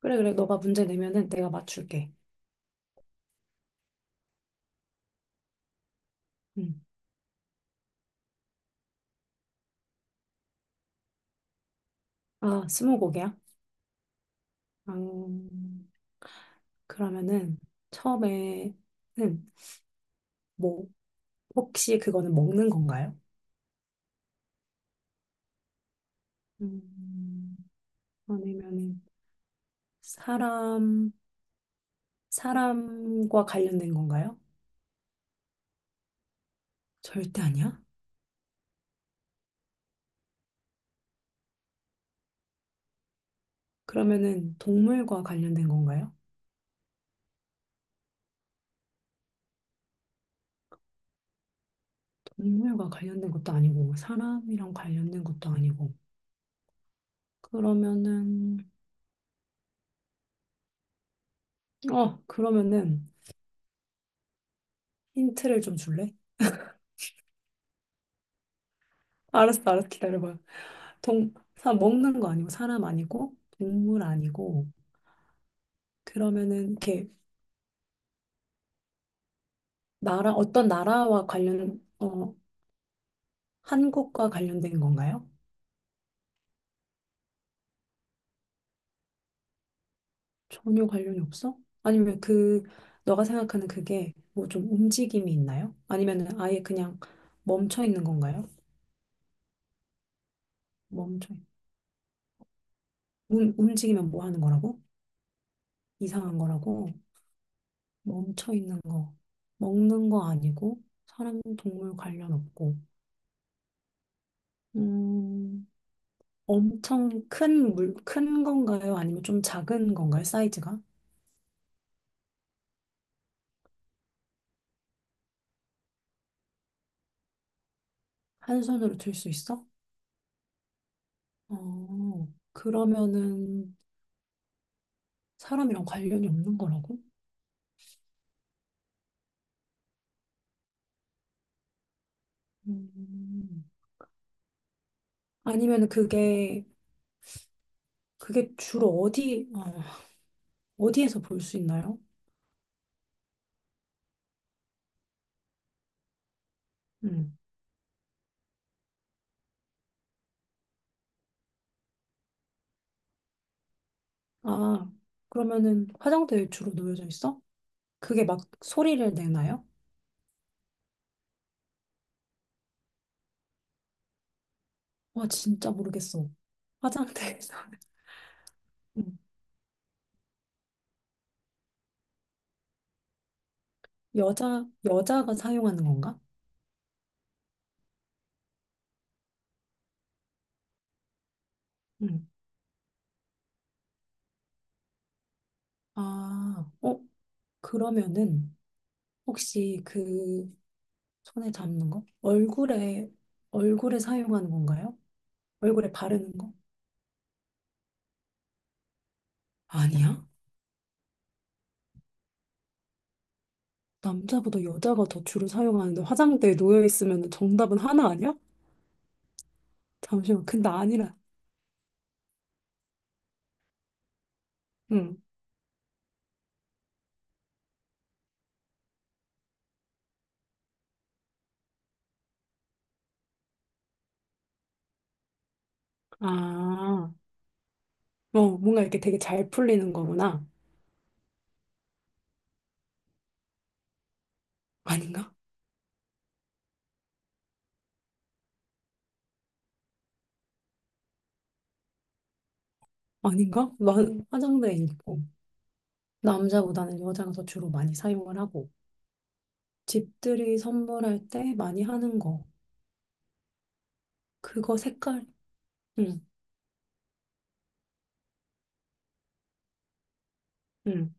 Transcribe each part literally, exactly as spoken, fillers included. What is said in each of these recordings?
그래, 그래. 너가 문제 내면은 내가 맞출게. 응. 아, 스무고개야? 음, 그러면은 처음에는 뭐 혹시 그거는 먹는 건가요? 음, 아니면은 사람 사람과 관련된 건가요? 절대 아니야. 그러면은 동물과 관련된 건가요? 동물과 관련된 것도 아니고 사람이랑 관련된 것도 아니고 그러면은 어 그러면은 힌트를 좀 줄래? 알았어, 알았어. 기다려봐. 동, 사, 먹는 거 아니고, 사람 아니고, 동물 아니고, 그러면은, 이렇게, 나라, 어떤 나라와 관련, 어, 한국과 관련된 건가요? 전혀 관련이 없어? 아니면 그, 너가 생각하는 그게 뭐 좀 움직임이 있나요? 아니면은 아예 그냥 멈춰 있는 건가요? 멈춰. 움, 움직이면 뭐 하는 거라고? 이상한 거라고? 멈춰 있는 거. 먹는 거 아니고, 사람, 동물 관련 없고. 음, 엄청 큰 물, 큰 건가요? 아니면 좀 작은 건가요? 사이즈가? 한 손으로 들 수 있어? 어, 그러면은 사람이랑 관련이 없는 거라고? 음, 아니면 그게, 그게 주로 어디, 어, 어디에서 볼 수 있나요? 음, 아, 그러면은 화장대에 주로 놓여져 있어? 그게 막 소리를 내나요? 와, 진짜 모르겠어. 화장대에서. 음, 여자, 여자가 사용하는 건가? 음. 아, 어? 그러면은 혹시 그 손에 잡는 거? 얼굴에 얼굴에 사용하는 건가요? 얼굴에 바르는 거? 아니야? 남자보다 여자가 더 주로 사용하는데 화장대에 놓여 있으면 정답은 하나 아니야? 잠시만. 근데 아니라. 응. 아. 어, 뭔가 이렇게 되게 잘 풀리는 거구나. 아닌가? 아닌가? 나 화장대에 있고 남자보다는 여자가 더 주로 많이 사용을 하고 집들이 선물할 때 많이 하는 거. 그거 색깔. 응. 응.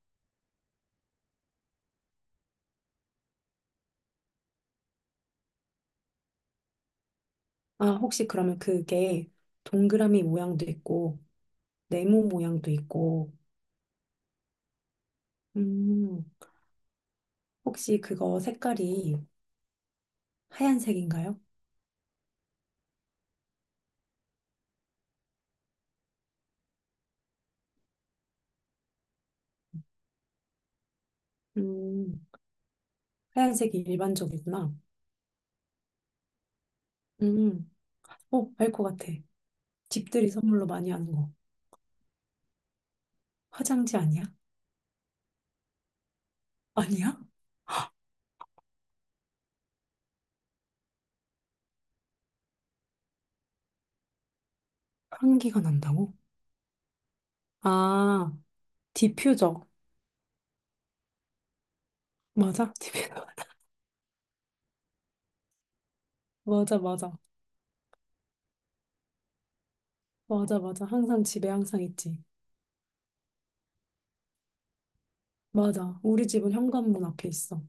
아, 혹시 그러면 그게 동그라미 모양도 있고, 네모 모양도 있고, 음, 혹시 그거 색깔이 하얀색인가요? 음, 하얀색이 일반적이구나. 음, 어, 알 것 같아. 집들이 선물로 많이 하는 거. 화장지 아니야? 아니야? 향기가 난다고? 아, 디퓨저. 맞아? 디퓨저. 맞아, 맞아. 맞아, 맞아. 항상 집에 항상 있지. 맞아. 우리 집은 현관문 앞에 있어.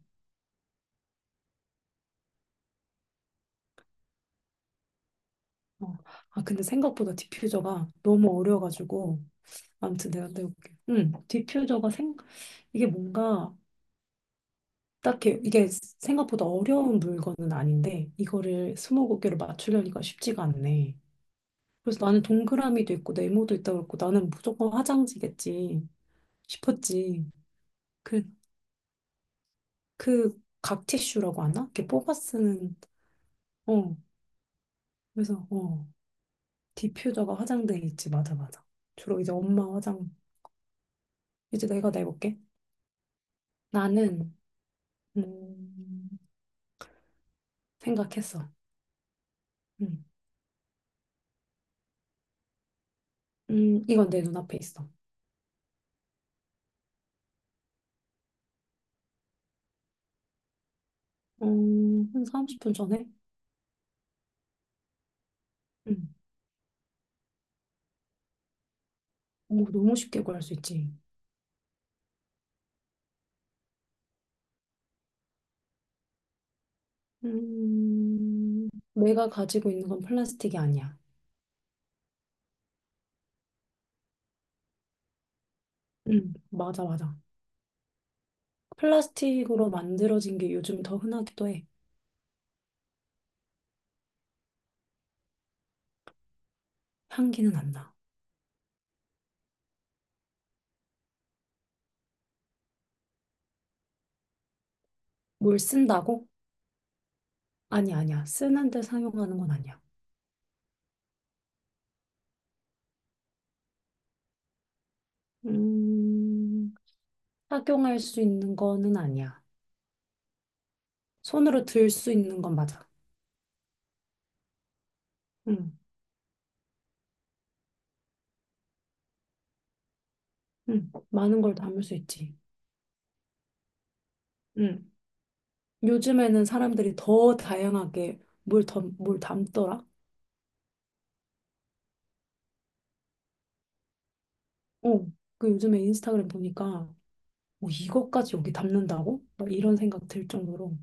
어. 아, 근데 생각보다 디퓨저가 너무 어려워가지고. 아무튼 내가 떼볼게. 응, 디퓨저가 생, 이게 뭔가, 딱히, 이게 생각보다 어려운 물건은 아닌데, 이거를 스무고개로 맞추려니까 쉽지가 않네. 그래서 나는 동그라미도 있고, 네모도 있다고 했고, 나는 무조건 화장지겠지 싶었지. 그, 그, 각 티슈라고 하나? 이렇게 뽑아 쓰는, 어. 그래서, 어, 디퓨저가 화장대에 있지. 맞아, 맞아. 주로 이제 엄마 화장, 이제 내가 내볼게. 나는 음, 생각했어. 음, 음, 이건 내 눈앞에 있어. 어, 한 삼십 분 전에? 음, 오, 너무 쉽게 구할 수 있지. 음, 내가 가지고 있는 건 플라스틱이 아니야. 음, 맞아, 맞아. 플라스틱으로 만들어진 게 요즘 더 흔하기도 해. 향기는 안 나. 뭘 쓴다고? 아니, 아니야. 쓰는데 사용하는 건 아니야. 음, 착용할 수 있는 거는 아니야. 손으로 들 수 있는 건 맞아. 음, 음, 많은 걸 담을 수 있지. 응. 요즘에는 사람들이 더 다양하게 뭘, 덤, 뭘 담더라? 어. 그 요즘에 인스타그램 보니까 뭐 이것까지 여기 담는다고? 막 이런 생각 들 정도로.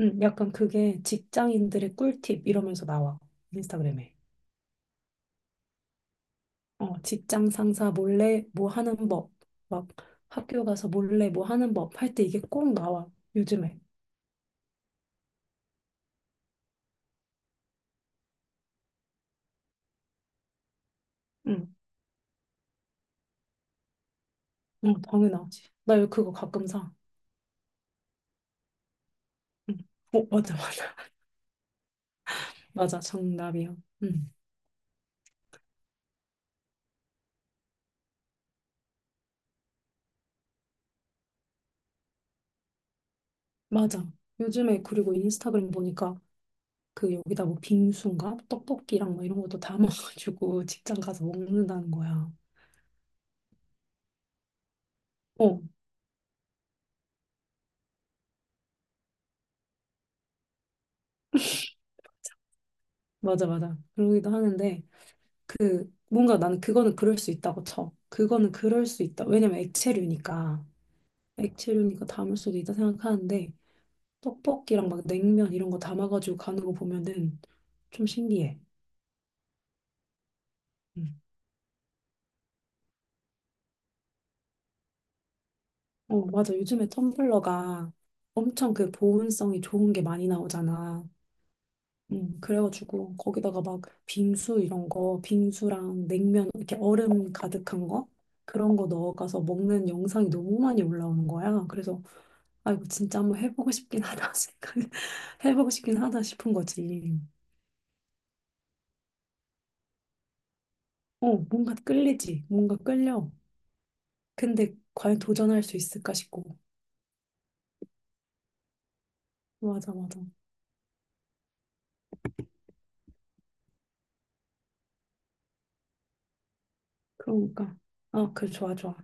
응. 약간 그게 직장인들의 꿀팁 이러면서 나와. 인스타그램에. 어, 직장 상사 몰래 뭐 하는 법. 막 학교 가서 몰래 뭐 하는 법 할 때 이게 꼭 나와. 요즘에. 응. 어, 당연하지. 나 이거 그거 가끔 사. 응. 어, 맞아, 맞아. 맞아, 정답이야. 응. 맞아. 요즘에 그리고 인스타그램 보니까 그 여기다 뭐 빙수인가 떡볶이랑 뭐 이런 것도 담아가지고 직장 가서 먹는다는 거야. 어, 맞아, 맞아. 그러기도 하는데 그 뭔가 나는 그거는 그럴 수 있다고 쳐. 그거는 그럴 수 있다. 왜냐면 액체류니까 액체류니까 담을 수도 있다 생각하는데 떡볶이랑 막 냉면 이런 거 담아가지고 가는 거 보면은 좀 신기해. 음. 어, 맞아. 요즘에 텀블러가 엄청 그 보온성이 좋은 게 많이 나오잖아. 음, 그래가지고 거기다가 막 빙수 이런 거, 빙수랑 냉면 이렇게 얼음 가득한 거 그런 거 넣어가서 먹는 영상이 너무 많이 올라오는 거야. 그래서 아 이거 진짜 한번 해보고 싶긴 하다 생각 해보고 싶긴 하다 싶은 거지. 어 뭔가 끌리지, 뭔가 끌려. 근데 과연 도전할 수 있을까 싶고. 맞아 맞아. 그러니까 아 그래 좋아 좋아.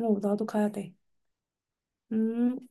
어 나도 가야 돼. 음.